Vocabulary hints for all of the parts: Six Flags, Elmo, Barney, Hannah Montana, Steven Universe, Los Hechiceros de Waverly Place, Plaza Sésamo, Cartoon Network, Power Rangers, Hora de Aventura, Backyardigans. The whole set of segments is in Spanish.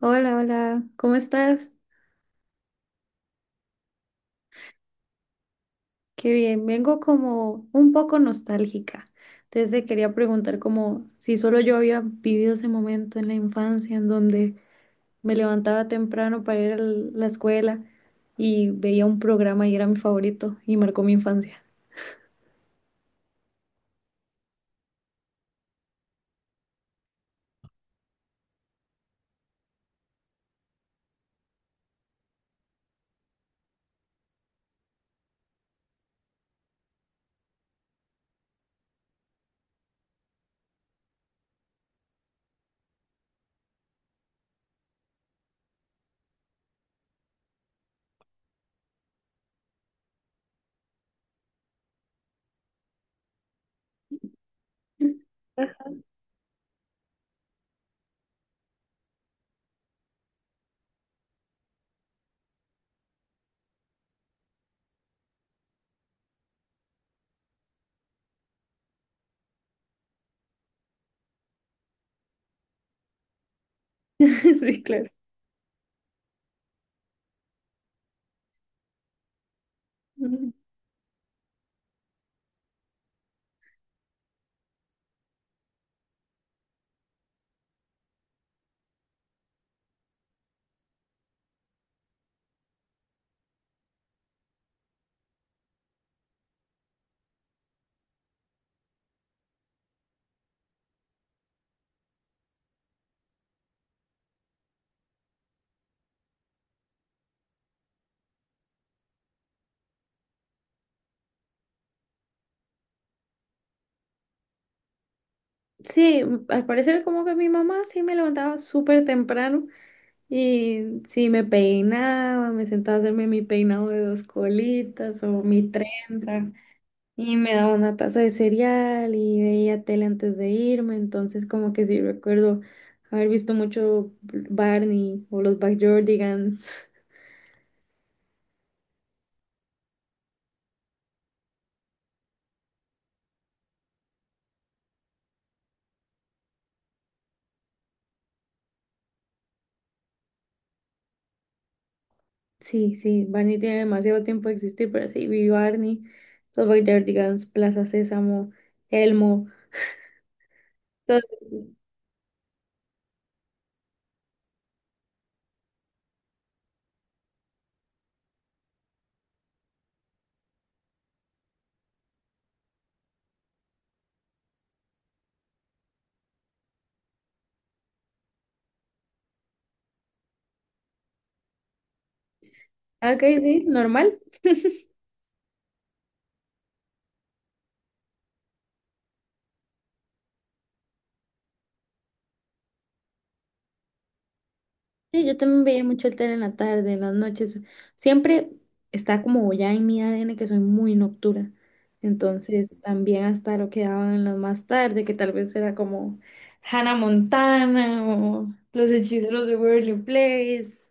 Hola, hola, ¿cómo estás? Qué bien, vengo como un poco nostálgica. Entonces te quería preguntar como si solo yo había vivido ese momento en la infancia en donde me levantaba temprano para ir a la escuela y veía un programa y era mi favorito y marcó mi infancia. Sí, claro. Mm. Sí, al parecer como que mi mamá sí me levantaba súper temprano. Y sí, me peinaba, me sentaba a hacerme mi peinado de dos colitas o mi trenza. Y me daba una taza de cereal y veía tele antes de irme. Entonces, como que sí recuerdo haber visto mucho Barney o los Backyardigans. Sí, sí, Barney tiene demasiado tiempo de existir, pero sí, vi Barney, los Backyardigans, Plaza Sésamo, Elmo. Entonces, ok, sí, normal. Sí, yo también veía mucho el tele en la tarde, en las noches. Siempre está como ya en mi ADN que soy muy nocturna. Entonces también hasta lo que daban en las más tarde, que tal vez era como Hannah Montana o Los Hechiceros de Waverly Place.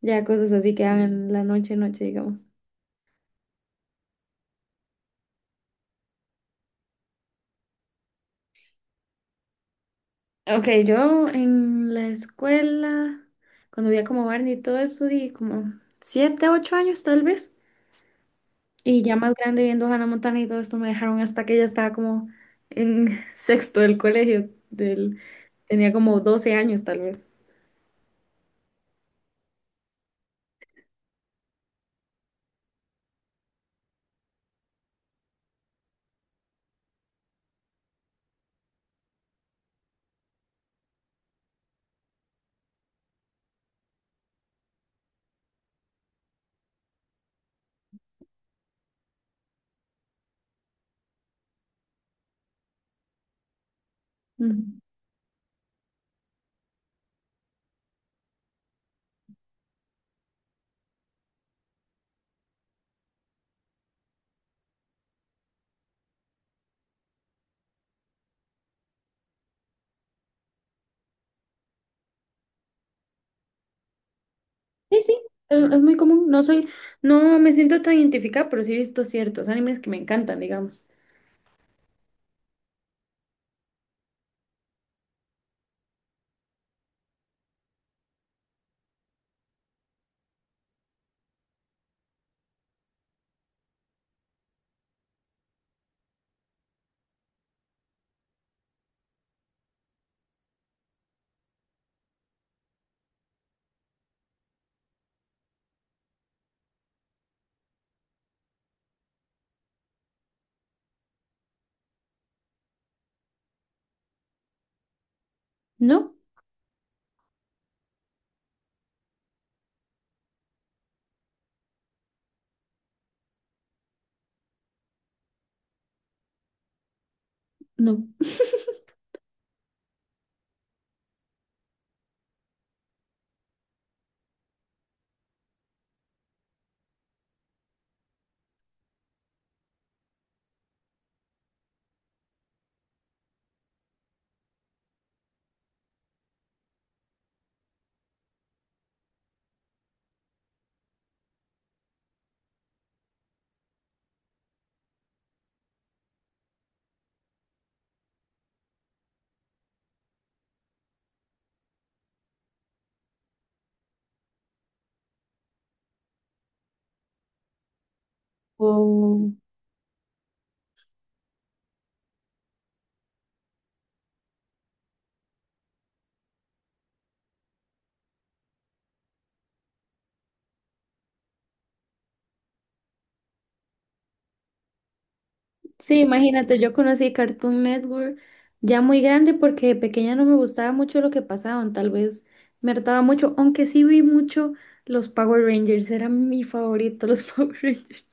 Ya cosas así que daban en la noche, noche, digamos. Ok, yo en la escuela, cuando veía como Barney y todo eso, di como 7, 8 años tal vez. Y ya más grande viendo Hannah Montana y todo esto me dejaron hasta que ya estaba como en sexto del colegio, tenía como 12 años tal vez. Ujú. Sí, sí, es muy común. No soy, no me siento tan identificada, pero sí he visto ciertos animes que me encantan, digamos. No, no. O Sí, imagínate, yo conocí Cartoon Network ya muy grande porque de pequeña no me gustaba mucho lo que pasaban, tal vez me hartaba mucho, aunque sí vi mucho los Power Rangers, eran mi favorito los Power Rangers.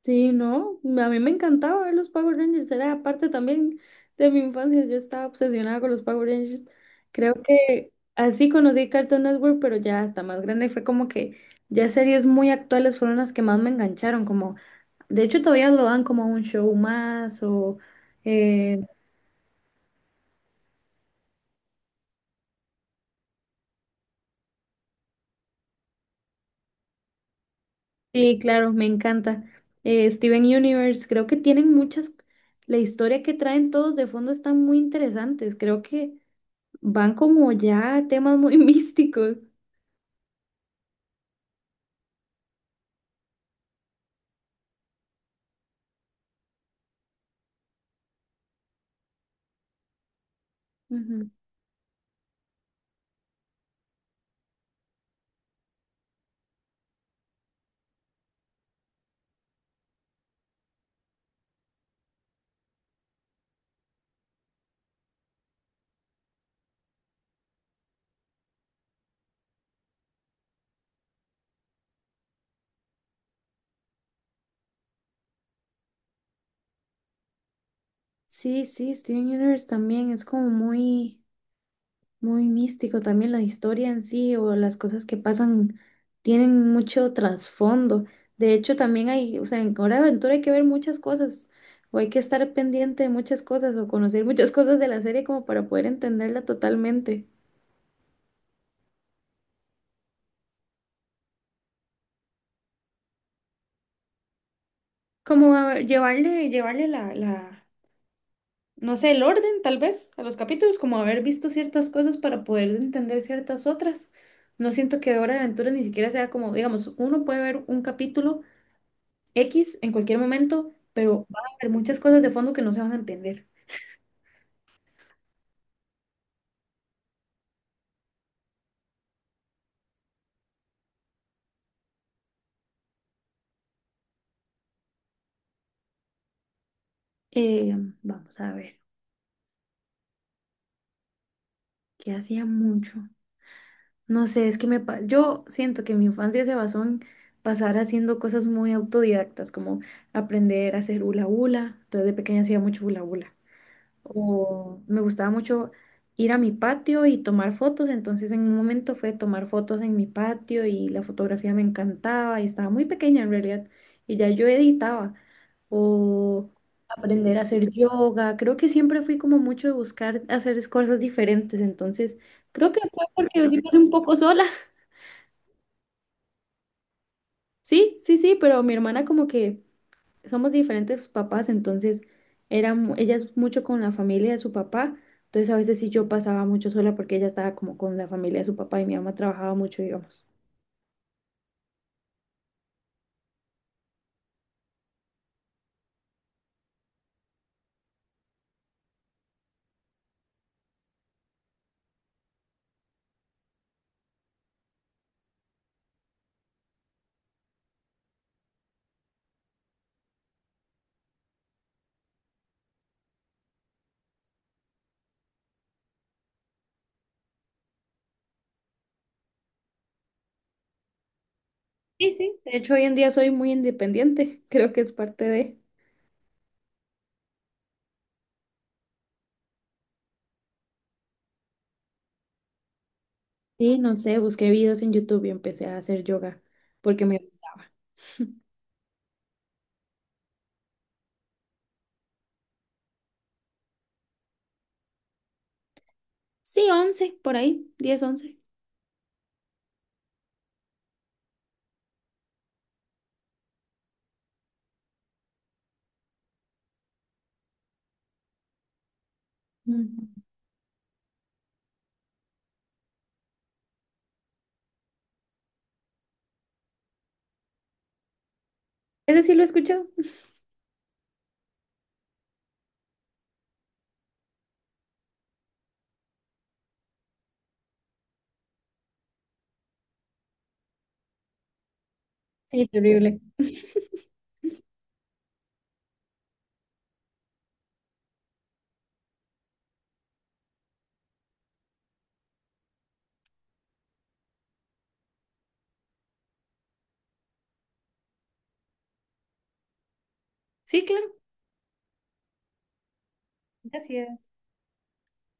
Sí, no, a mí me encantaba ver los Power Rangers, era parte también de mi infancia, yo estaba obsesionada con los Power Rangers. Creo que así conocí Cartoon Network, pero ya hasta más grande fue como que ya series muy actuales fueron las que más me engancharon, como de hecho, todavía lo dan como un show más o... eh, sí, claro, me encanta. Steven Universe, creo que tienen muchas... La historia que traen todos de fondo están muy interesantes. Creo que van como ya a temas muy místicos. Ujú. Sí, sí, Steven Universe también es como muy... Muy místico también la historia en sí o las cosas que pasan tienen mucho trasfondo. De hecho, también hay, o sea, en Hora de Aventura hay que ver muchas cosas o hay que estar pendiente de muchas cosas o conocer muchas cosas de la serie como para poder entenderla totalmente. Como a ver, llevarle no sé, el orden tal vez a los capítulos, como haber visto ciertas cosas para poder entender ciertas otras. No siento que Hora de Aventura ni siquiera sea como, digamos, uno puede ver un capítulo X en cualquier momento, pero va a haber muchas cosas de fondo que no se van a entender. Eh, Vamos a ver, ¿qué hacía mucho? No sé, es que yo siento que mi infancia se basó en pasar haciendo cosas muy autodidactas, como aprender a hacer hula hula. Entonces de pequeña hacía mucho hula hula. O me gustaba mucho ir a mi patio y tomar fotos, entonces en un momento fue tomar fotos en mi patio y la fotografía me encantaba y estaba muy pequeña en realidad y ya yo editaba, o aprender a hacer yoga, creo que siempre fui como mucho de buscar hacer cosas diferentes, entonces creo que fue porque yo sí pasé un poco sola. Sí, sí, sí, pero mi hermana como que somos diferentes papás, entonces ella es mucho con la familia de su papá, entonces a veces sí yo pasaba mucho sola porque ella estaba como con la familia de su papá y mi mamá trabajaba mucho, digamos. Sí, sí, de hecho hoy en día soy muy independiente, creo que es parte de... Sí, no sé, busqué videos en YouTube y empecé a hacer yoga porque me... Sí, 11 por ahí, 10, 11. Mm. Ese sí lo he escuchado. Sí, terrible. Sí, claro. Gracias.